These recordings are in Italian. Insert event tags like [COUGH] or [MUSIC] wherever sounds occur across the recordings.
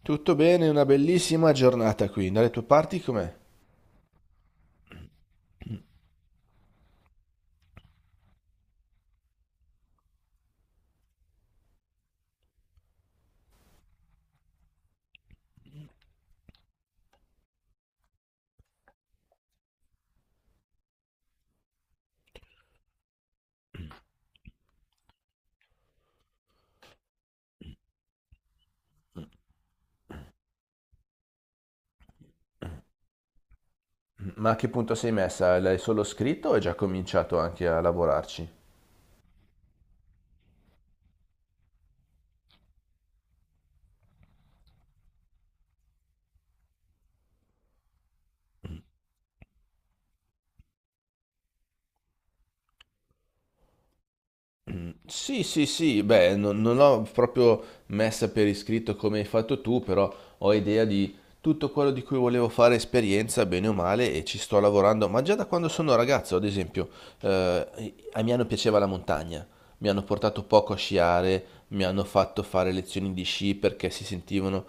Tutto bene, una bellissima giornata qui. Dalle tue parti com'è? Ma a che punto sei messa? L'hai solo scritto o hai già cominciato anche a lavorarci? Sì, sì, sì, beh, non l'ho proprio messa per iscritto come hai fatto tu, però ho idea di tutto quello di cui volevo fare esperienza, bene o male, e ci sto lavorando, ma già da quando sono ragazzo, ad esempio, a Milano piaceva la montagna, mi hanno portato poco a sciare, mi hanno fatto fare lezioni di sci perché si sentivano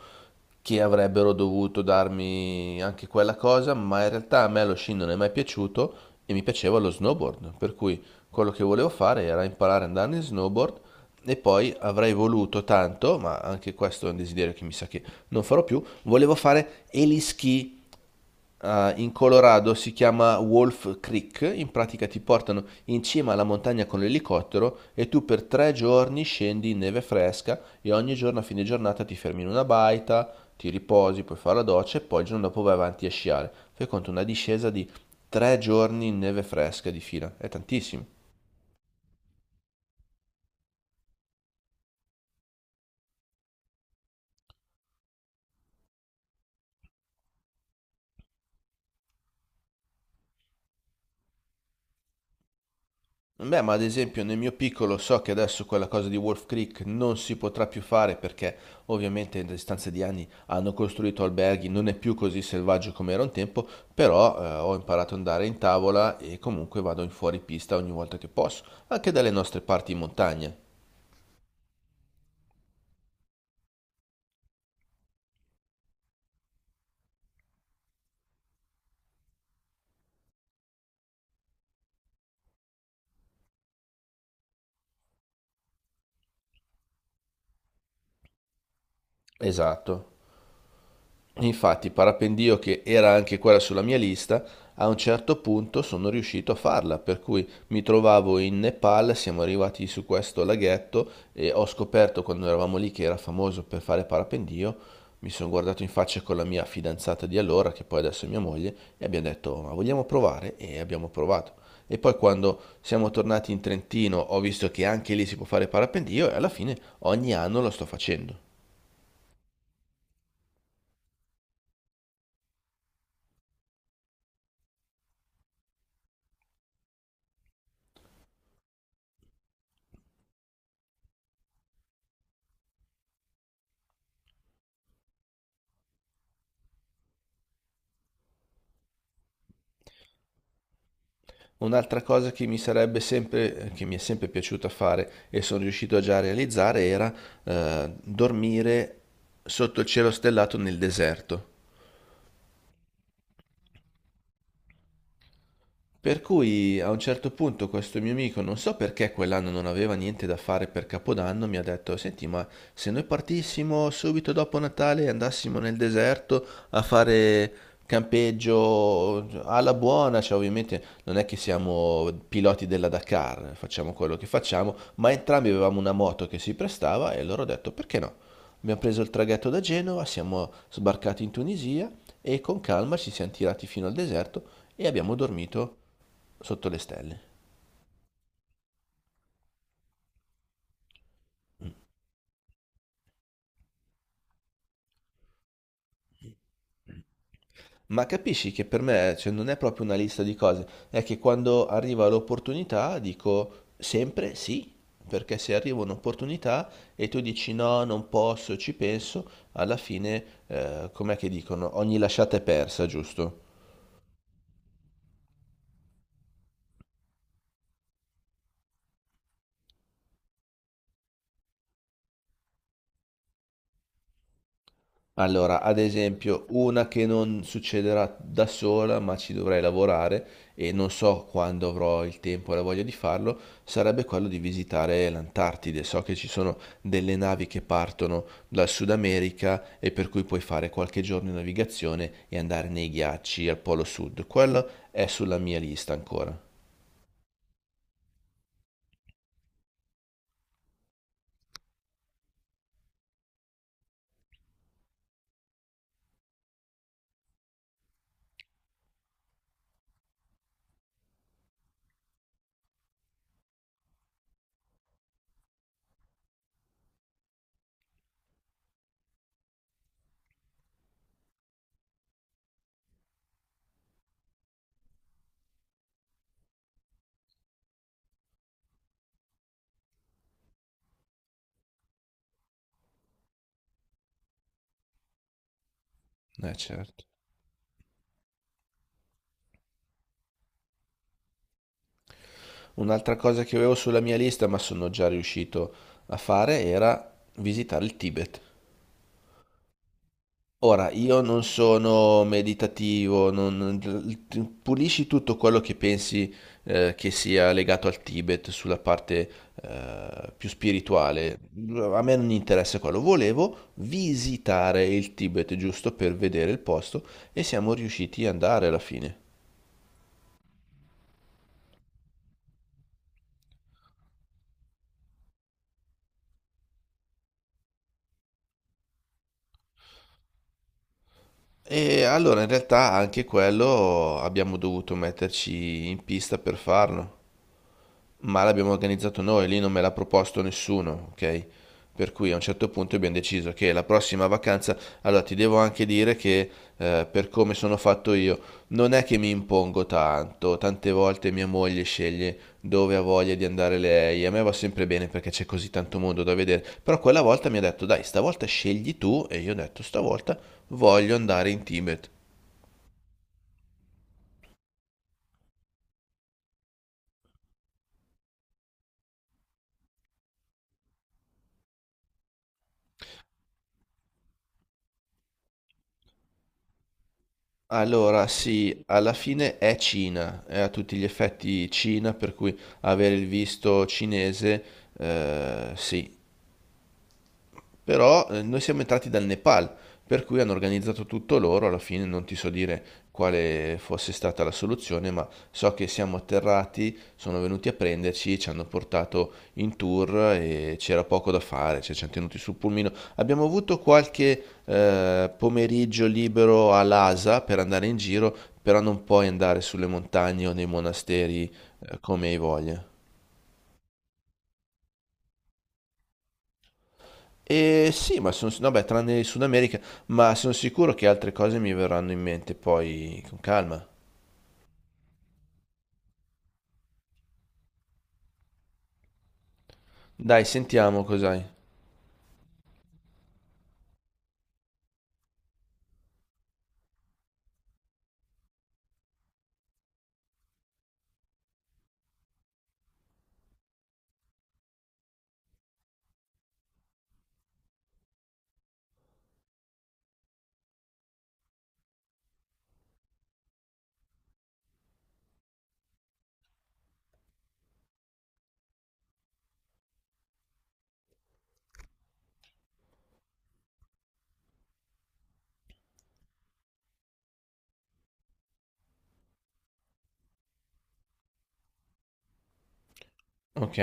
che avrebbero dovuto darmi anche quella cosa, ma in realtà a me lo sci non è mai piaciuto e mi piaceva lo snowboard, per cui quello che volevo fare era imparare ad andare in snowboard, e poi avrei voluto tanto, ma anche questo è un desiderio che mi sa che non farò più, volevo fare eliski in Colorado, si chiama Wolf Creek, in pratica ti portano in cima alla montagna con l'elicottero e tu per 3 giorni scendi in neve fresca e ogni giorno a fine giornata ti fermi in una baita, ti riposi, puoi fare la doccia e poi il giorno dopo vai avanti a sciare. Fai conto una discesa di 3 giorni in neve fresca di fila, è tantissimo. Beh, ma ad esempio nel mio piccolo so che adesso quella cosa di Wolf Creek non si potrà più fare perché ovviamente in distanza di anni hanno costruito alberghi, non è più così selvaggio come era un tempo, però ho imparato ad andare in tavola e comunque vado in fuori pista ogni volta che posso, anche dalle nostre parti in montagna. Esatto. Infatti, parapendio che era anche quella sulla mia lista, a un certo punto sono riuscito a farla, per cui mi trovavo in Nepal, siamo arrivati su questo laghetto e ho scoperto quando eravamo lì che era famoso per fare parapendio, mi sono guardato in faccia con la mia fidanzata di allora, che poi adesso è mia moglie, e abbiamo detto ma vogliamo provare? E abbiamo provato. E poi quando siamo tornati in Trentino ho visto che anche lì si può fare parapendio e alla fine ogni anno lo sto facendo. Un'altra cosa che mi sarebbe sempre, che mi è sempre piaciuto fare e sono riuscito a già realizzare era dormire sotto il cielo stellato nel deserto. Per cui a un certo punto questo mio amico, non so perché quell'anno non aveva niente da fare per Capodanno, mi ha detto, senti, ma se noi partissimo subito dopo Natale e andassimo nel deserto a fare campeggio alla buona, cioè ovviamente non è che siamo piloti della Dakar, facciamo quello che facciamo, ma entrambi avevamo una moto che si prestava e allora ho detto, perché no? Abbiamo preso il traghetto da Genova, siamo sbarcati in Tunisia e con calma ci siamo tirati fino al deserto e abbiamo dormito. Sotto le stelle. Ma capisci che per me, cioè, non è proprio una lista di cose, è che quando arriva l'opportunità dico sempre sì, perché se arriva un'opportunità e tu dici no, non posso, ci penso, alla fine, com'è che dicono? Ogni lasciata è persa, giusto? Allora, ad esempio, una che non succederà da sola, ma ci dovrei lavorare e non so quando avrò il tempo e la voglia di farlo, sarebbe quello di visitare l'Antartide. So che ci sono delle navi che partono dal Sud America e per cui puoi fare qualche giorno di navigazione e andare nei ghiacci al Polo Sud. Quello è sulla mia lista ancora. Eh certo. Un'altra cosa che avevo sulla mia lista, ma sono già riuscito a fare, era visitare il Tibet. Ora, io non sono meditativo, pulisci tutto quello che pensi che sia legato al Tibet sulla parte più spirituale. A me non interessa quello. Volevo visitare il Tibet giusto per vedere il posto e siamo riusciti ad andare alla fine. E allora in realtà anche quello abbiamo dovuto metterci in pista per farlo. Ma l'abbiamo organizzato noi, lì non me l'ha proposto nessuno, ok? Per cui a un certo punto abbiamo deciso che la prossima vacanza, allora ti devo anche dire che per come sono fatto io, non è che mi impongo tanto, tante volte mia moglie sceglie dove ha voglia di andare lei, a me va sempre bene perché c'è così tanto mondo da vedere, però quella volta mi ha detto dai, stavolta scegli tu e io ho detto stavolta voglio andare in Tibet. Allora, sì, alla fine è Cina, è a tutti gli effetti Cina, per cui avere il visto cinese, sì, però noi siamo entrati dal Nepal, per cui hanno organizzato tutto loro, alla fine non ti so dire quale fosse stata la soluzione, ma so che siamo atterrati, sono venuti a prenderci, ci hanno portato in tour e c'era poco da fare, cioè ci hanno tenuti sul pulmino. Abbiamo avuto qualche pomeriggio libero a Lhasa per andare in giro, però non puoi andare sulle montagne o nei monasteri come hai voglia. E sì, ma sono, no, beh, tranne il Sud America, ma sono sicuro che altre cose mi verranno in mente poi con calma. Dai, sentiamo cos'hai. Ok?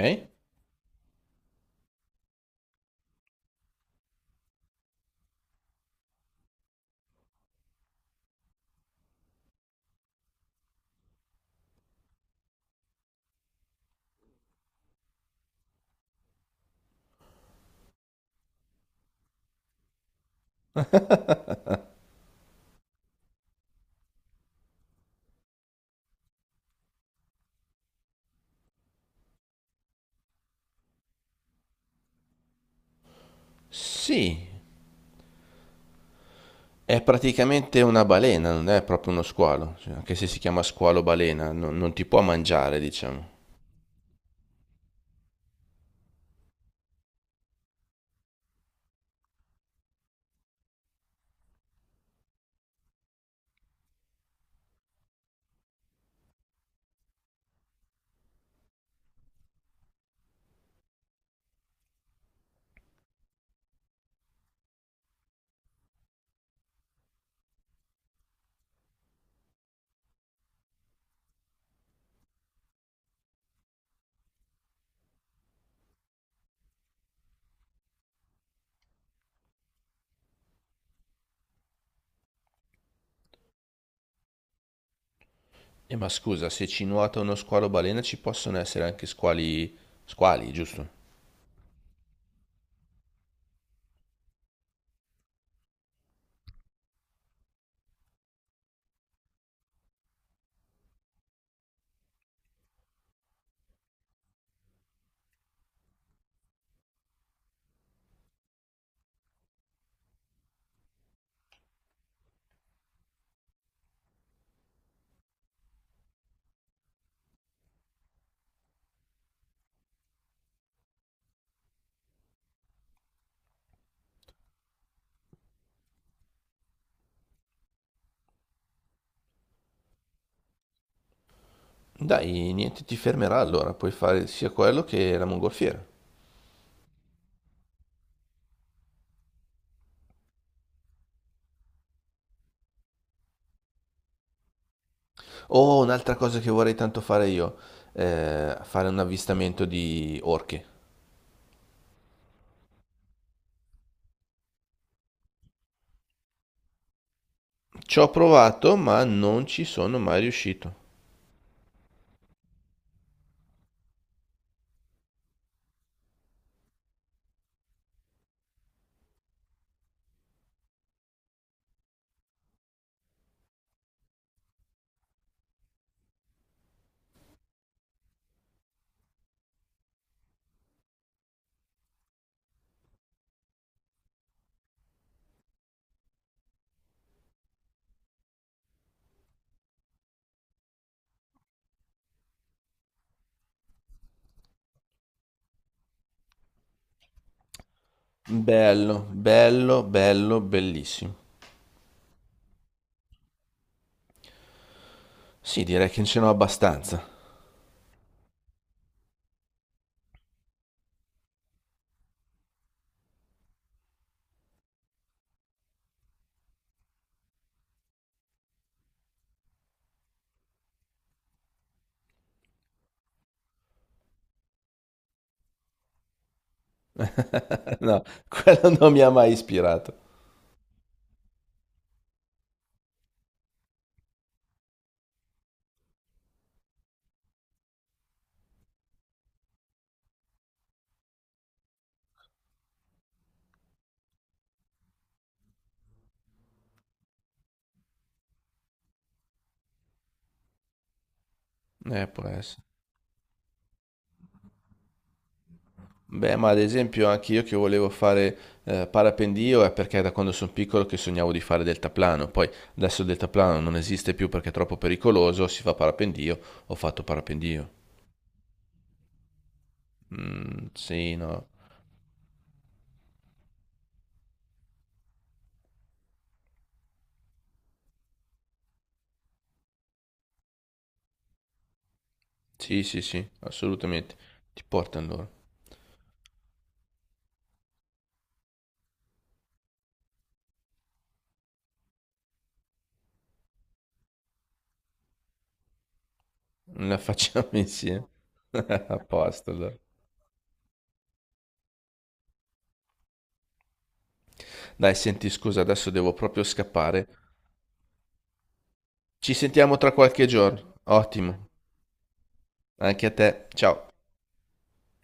Sì, è praticamente una balena, non è proprio uno squalo, cioè, anche se si chiama squalo balena, non, non ti può mangiare, diciamo. E ma scusa, se ci nuota uno squalo balena ci possono essere anche squali, giusto? Dai, niente ti fermerà allora, puoi fare sia quello che la mongolfiera. Oh, un'altra cosa che vorrei tanto fare io, fare un avvistamento di orche. Ci ho provato, ma non ci sono mai riuscito. Bello, bello, bello, bellissimo. Sì, direi che ce n'ho abbastanza. [LAUGHS] No, quello non mi ha mai ispirato. Può essere. Beh, ma ad esempio anche io che volevo fare parapendio è perché da quando sono piccolo che sognavo di fare deltaplano. Poi adesso il deltaplano non esiste più perché è troppo pericoloso, si fa parapendio, ho fatto parapendio. Mm, sì, no. Sì, sì, sì, assolutamente. Ti porto allora. La facciamo [LAUGHS] insieme. [LAUGHS] A posto allora. Dai, senti, scusa, adesso devo proprio scappare. Ci sentiamo tra qualche giorno. Ottimo. Anche a te. Ciao.